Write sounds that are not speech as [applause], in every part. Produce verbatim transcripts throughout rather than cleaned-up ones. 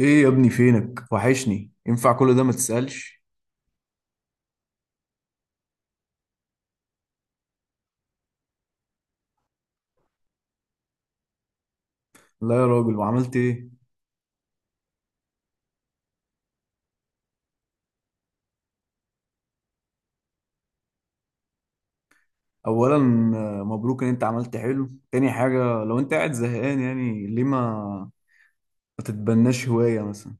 ايه يا ابني، فينك؟ وحشني. ينفع كل ده؟ ما تسألش. لا يا راجل، وعملت ايه؟ اولا، آه، مبروك ان انت عملت حلو. تاني حاجة، لو انت قاعد زهقان يعني ليه ما ما تتبناش هواية مثلا؟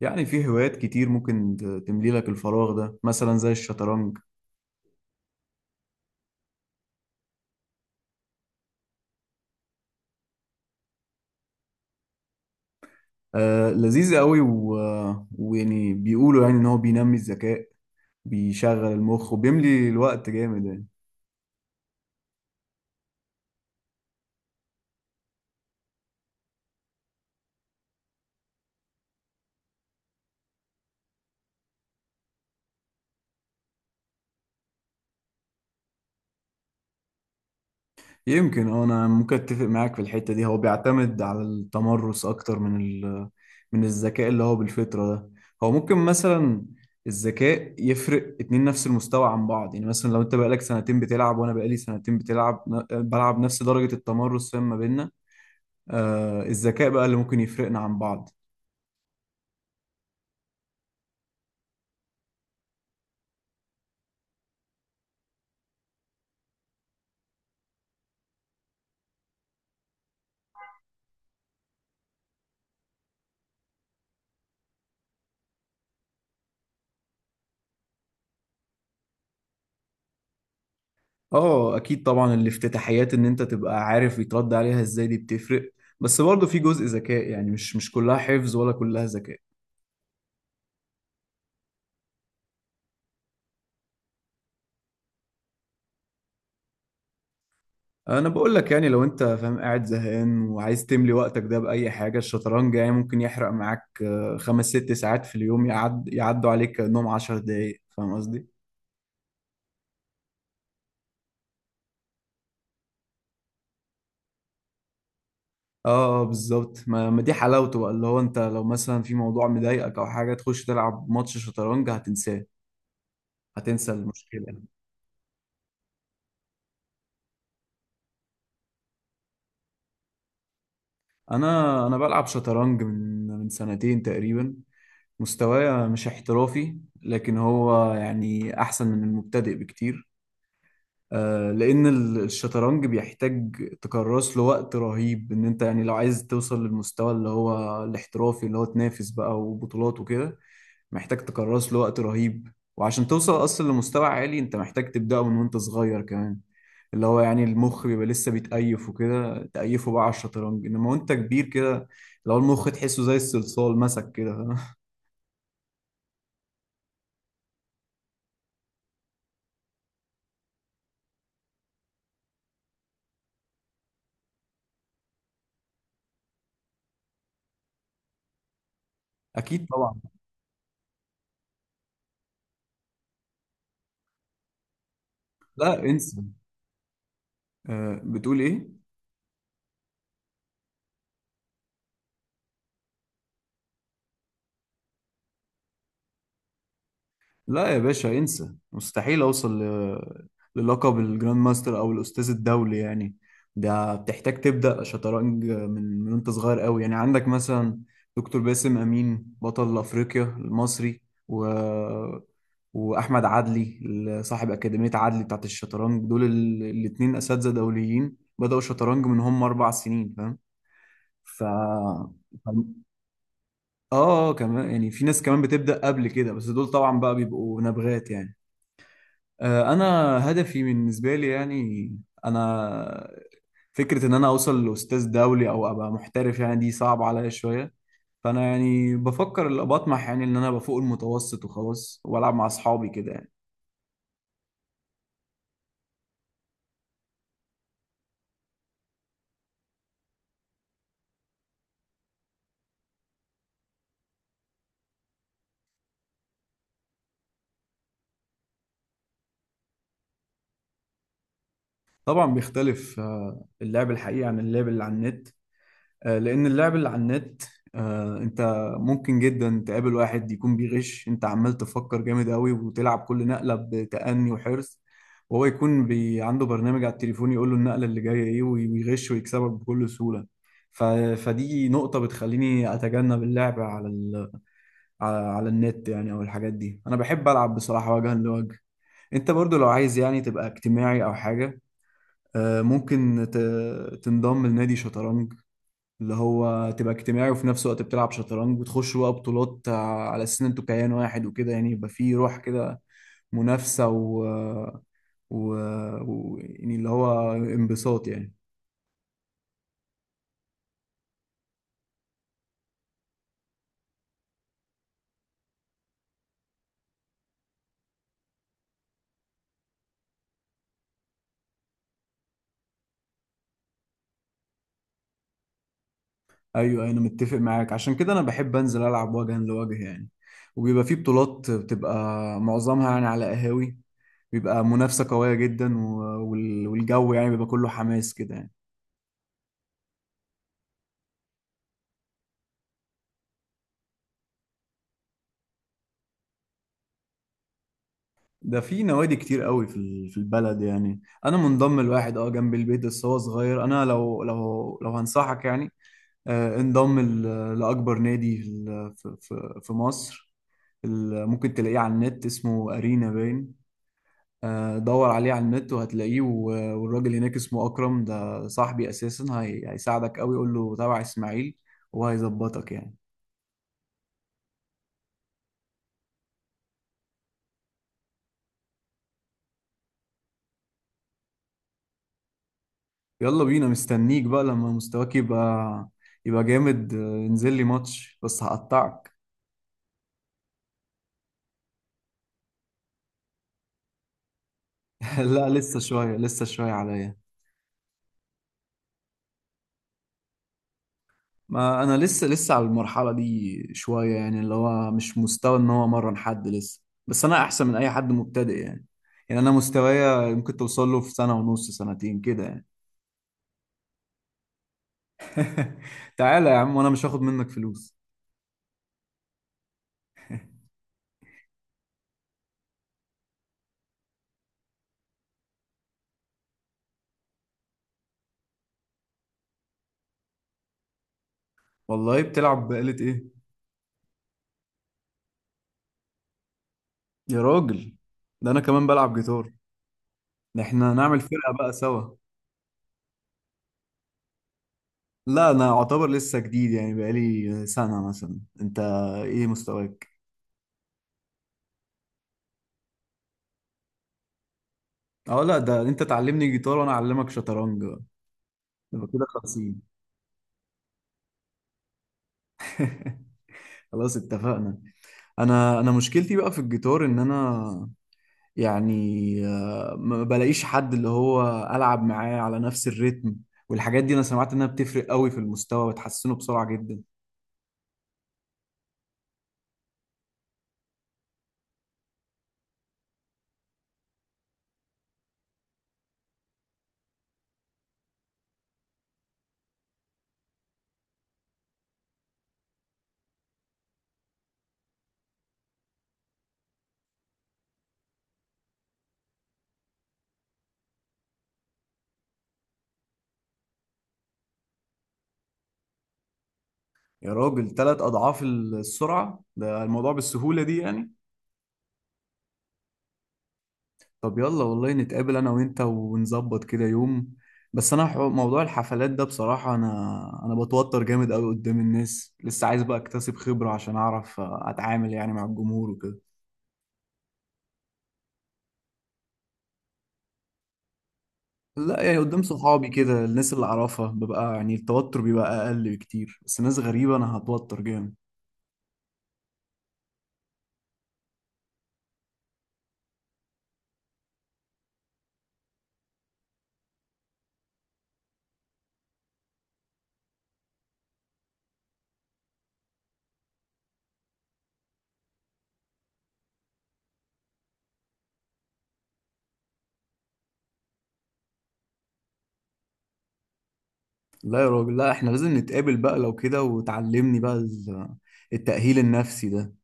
يعني في هوايات كتير ممكن ت- تملي لك الفراغ ده، مثلا زي الشطرنج. آه لذيذ قوي و... آه، ويعني بيقولوا يعني ان هو بينمي الذكاء، بيشغل المخ وبيملي الوقت جامد يعني. يمكن، اه انا ممكن اتفق معاك في الحته دي، هو بيعتمد على التمرس اكتر من ال... من الذكاء اللي هو بالفطره ده. هو ممكن مثلا الذكاء يفرق اتنين نفس المستوى عن بعض، يعني مثلا لو انت بقالك سنتين بتلعب وانا بقالي سنتين بتلعب، ن- بلعب نفس درجه التمرس، فاهم ما بيننا. آه، الذكاء بقى اللي ممكن يفرقنا عن بعض. اه اكيد طبعا، الافتتاحيات ان انت تبقى عارف يترد عليها ازاي دي بتفرق، بس برضه في جزء ذكاء يعني، مش مش كلها حفظ ولا كلها ذكاء. انا بقول لك يعني، لو انت فاهم قاعد زهقان وعايز تملي وقتك ده باي حاجه، الشطرنج يعني ممكن يحرق معاك آه، خمس ست ساعات في اليوم، يعد يعدوا عليك كأنهم عشر دقايق، فاهم قصدي؟ اه. آه، بالظبط، ما ما دي حلاوته بقى، اللي هو انت لو مثلا في موضوع مضايقك او حاجه تخش تلعب ماتش شطرنج هتنساه، هتنسى المشكله يعني. انا انا بلعب شطرنج من من سنتين تقريبا. مستواي مش احترافي، لكن هو يعني احسن من المبتدئ بكتير. آه، لان ال- الشطرنج بيحتاج تكرس له وقت رهيب، ان انت يعني لو عايز توصل للمستوى اللي هو الاحترافي، اللي هو تنافس بقى وبطولات وكده، محتاج تكرس له وقت رهيب. وعشان توصل اصلا لمستوى عالي انت محتاج تبدأه من وانت صغير كمان، اللي هو يعني المخ بيبقى لسه بيتأيف وكده، تأيفه بقى على الشطرنج. انما وانت كبير كده، لو المخ تحسه زي الصلصال مسك كده. [laughs] اكيد طبعا. لا انسى. أه، بتقول ايه؟ لا يا باشا، انسى، مستحيل اوصل ل- للقب الجراند ماستر او الاستاذ الدولي يعني. ده بتحتاج تبدا شطرنج من من وانت صغير قوي، يعني عندك مثلا دكتور باسم امين بطل افريقيا المصري، و... واحمد عدلي ال- صاحب اكاديميه عدلي بتاعت الشطرنج، دول ال... الاتنين اساتذه دوليين بداوا شطرنج من هم اربع سنين، فاهم؟ ف اه آه، كمان يعني في ناس كمان بتبدا قبل كده، بس دول طبعا بقى بيبقوا نبغات يعني. آه، انا، هدفي بالنسبه لي يعني، انا فكره ان انا اوصل لاستاذ دولي او ابقى محترف يعني دي صعبه عليا شويه. فانا يعني بفكر، اللي بطمح يعني ان انا ابقى فوق المتوسط وخلاص، والعب مع اصحابي كده يعني. طبعا بيختلف آه، اللعب الحقيقي عن اللعب اللي على النت. آه، لأن اللعب اللي على النت، آه، أنت ممكن جدا تقابل واحد يكون بيغش. أنت عمال تفكر جامد قوي وتلعب كل نقلة بتأني وحرص، وهو يكون بي عنده برنامج على التليفون يقول له النقلة اللي جاية إيه، وي- ويغش ويكسبك بكل سهولة. ف... فدي نقطة بتخليني أتجنب اللعب على ال... على على النت يعني، أو الحاجات دي. أنا بحب ألعب بصراحة وجها لوجه. أنت برضو لو عايز يعني تبقى اجتماعي أو حاجة، آه، ممكن ت... تنضم لنادي شطرنج، اللي هو تبقى اجتماعي وفي نفس الوقت بتلعب شطرنج وتخش بقى بطولات، آه، على أساس إن أنتوا كيان واحد وكده يعني، يبقى فيه روح كده منافسة و... و... و... يعني اللي هو انبساط يعني. أيوه، أيوه، أنا متفق معاك، عشان كده أنا بحب أنزل ألعب وجها لوجه يعني. وبيبقى فيه بطولات، بتبقى معظمها يعني على قهاوي، بيبقى منافسة قوية جدا و... وال- والجو يعني بيبقى كله حماس كده يعني. ده في نوادي كتير قوي في ال- في البلد يعني. انا منضم لواحد اه جنب البيت بس هو صغير. انا لو لو لو هنصحك يعني، آه، انضم ل- لاكبر نادي في ال- في في- في مصر. ال- ممكن تلاقيه على النت، اسمه ارينا باين. آه، دور عليه على النت وهتلاقيه، و- والراجل هناك اسمه اكرم، ده صاحبي اساسا. هي- هيساعدك قوي. قول له تابع اسماعيل، وهيظبطك يعني. يلا بينا، مستنيك بقى لما مستواك يبقى يبقى جامد. آه، انزل لي ماتش بس هقطعك. [laughs] لا، لسه شوية، لسه شوية عليا. ما أنا لسه لسه على المرحلة دي شوية يعني، اللي هو مش مستوى إن هو أمرن حد لسه، بس أنا أحسن من أي حد مبتدئ يعني. يعني أنا مستوايا ممكن توصل له في سنة ونص، سنتين كده يعني. [laughs] تعالى يا عم، وأنا مش هاخد منك فلوس. والله، بتلعب بآلة إيه؟ يا راجل، ده أنا كمان بلعب جيتار. ده إحنا نعمل فرقة بقى سوا. لا أنا أعتبر لسه جديد يعني، بقالي سنة مثلا. أنت إيه مستواك؟ اه لا، ده انت تعلمني جيتار وانا اعلمك شطرنج، يبقى كده خمسين. [laughs] خلاص اتفقنا. انا انا مشكلتي بقى في الجيتار، ان انا يعني آه، ما بلاقيش حد اللي هو العب معاه على نفس الريتم، والحاجات دي انا سمعت انها بتفرق قوي في المستوى، بتحسنه بسرعة جدا. يا راجل، ثلاث اضعاف السرعة؟ ده الموضوع بالسهولة دي يعني! طب يلا، والله نتقابل انا وانت ونظبط كده يوم. بس انا، حو- موضوع الحفلات ده بصراحة، انا انا بتوتر جامد قوي قدام الناس، لسه عايز بقى اكتسب خبرة عشان اعرف آه، اتعامل يعني مع الجمهور وكده. لا يعني قدام صحابي كده، الناس اللي اعرفها ببقى يعني التوتر بيبقى اقل بكتير، بس ناس غريبة انا هتوتر جامد. لا يا راجل، لا، احنا لازم نتقابل بقى لو كده وتعلمني بقى ال- التأهيل النفسي ده.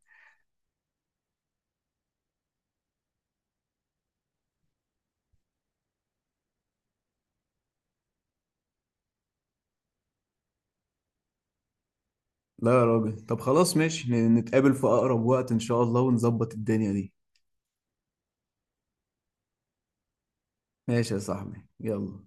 لا يا راجل، طب خلاص ماشي، ن- نتقابل في اقرب وقت ان شاء الله ونظبط الدنيا دي. ماشي يا صاحبي، يلا.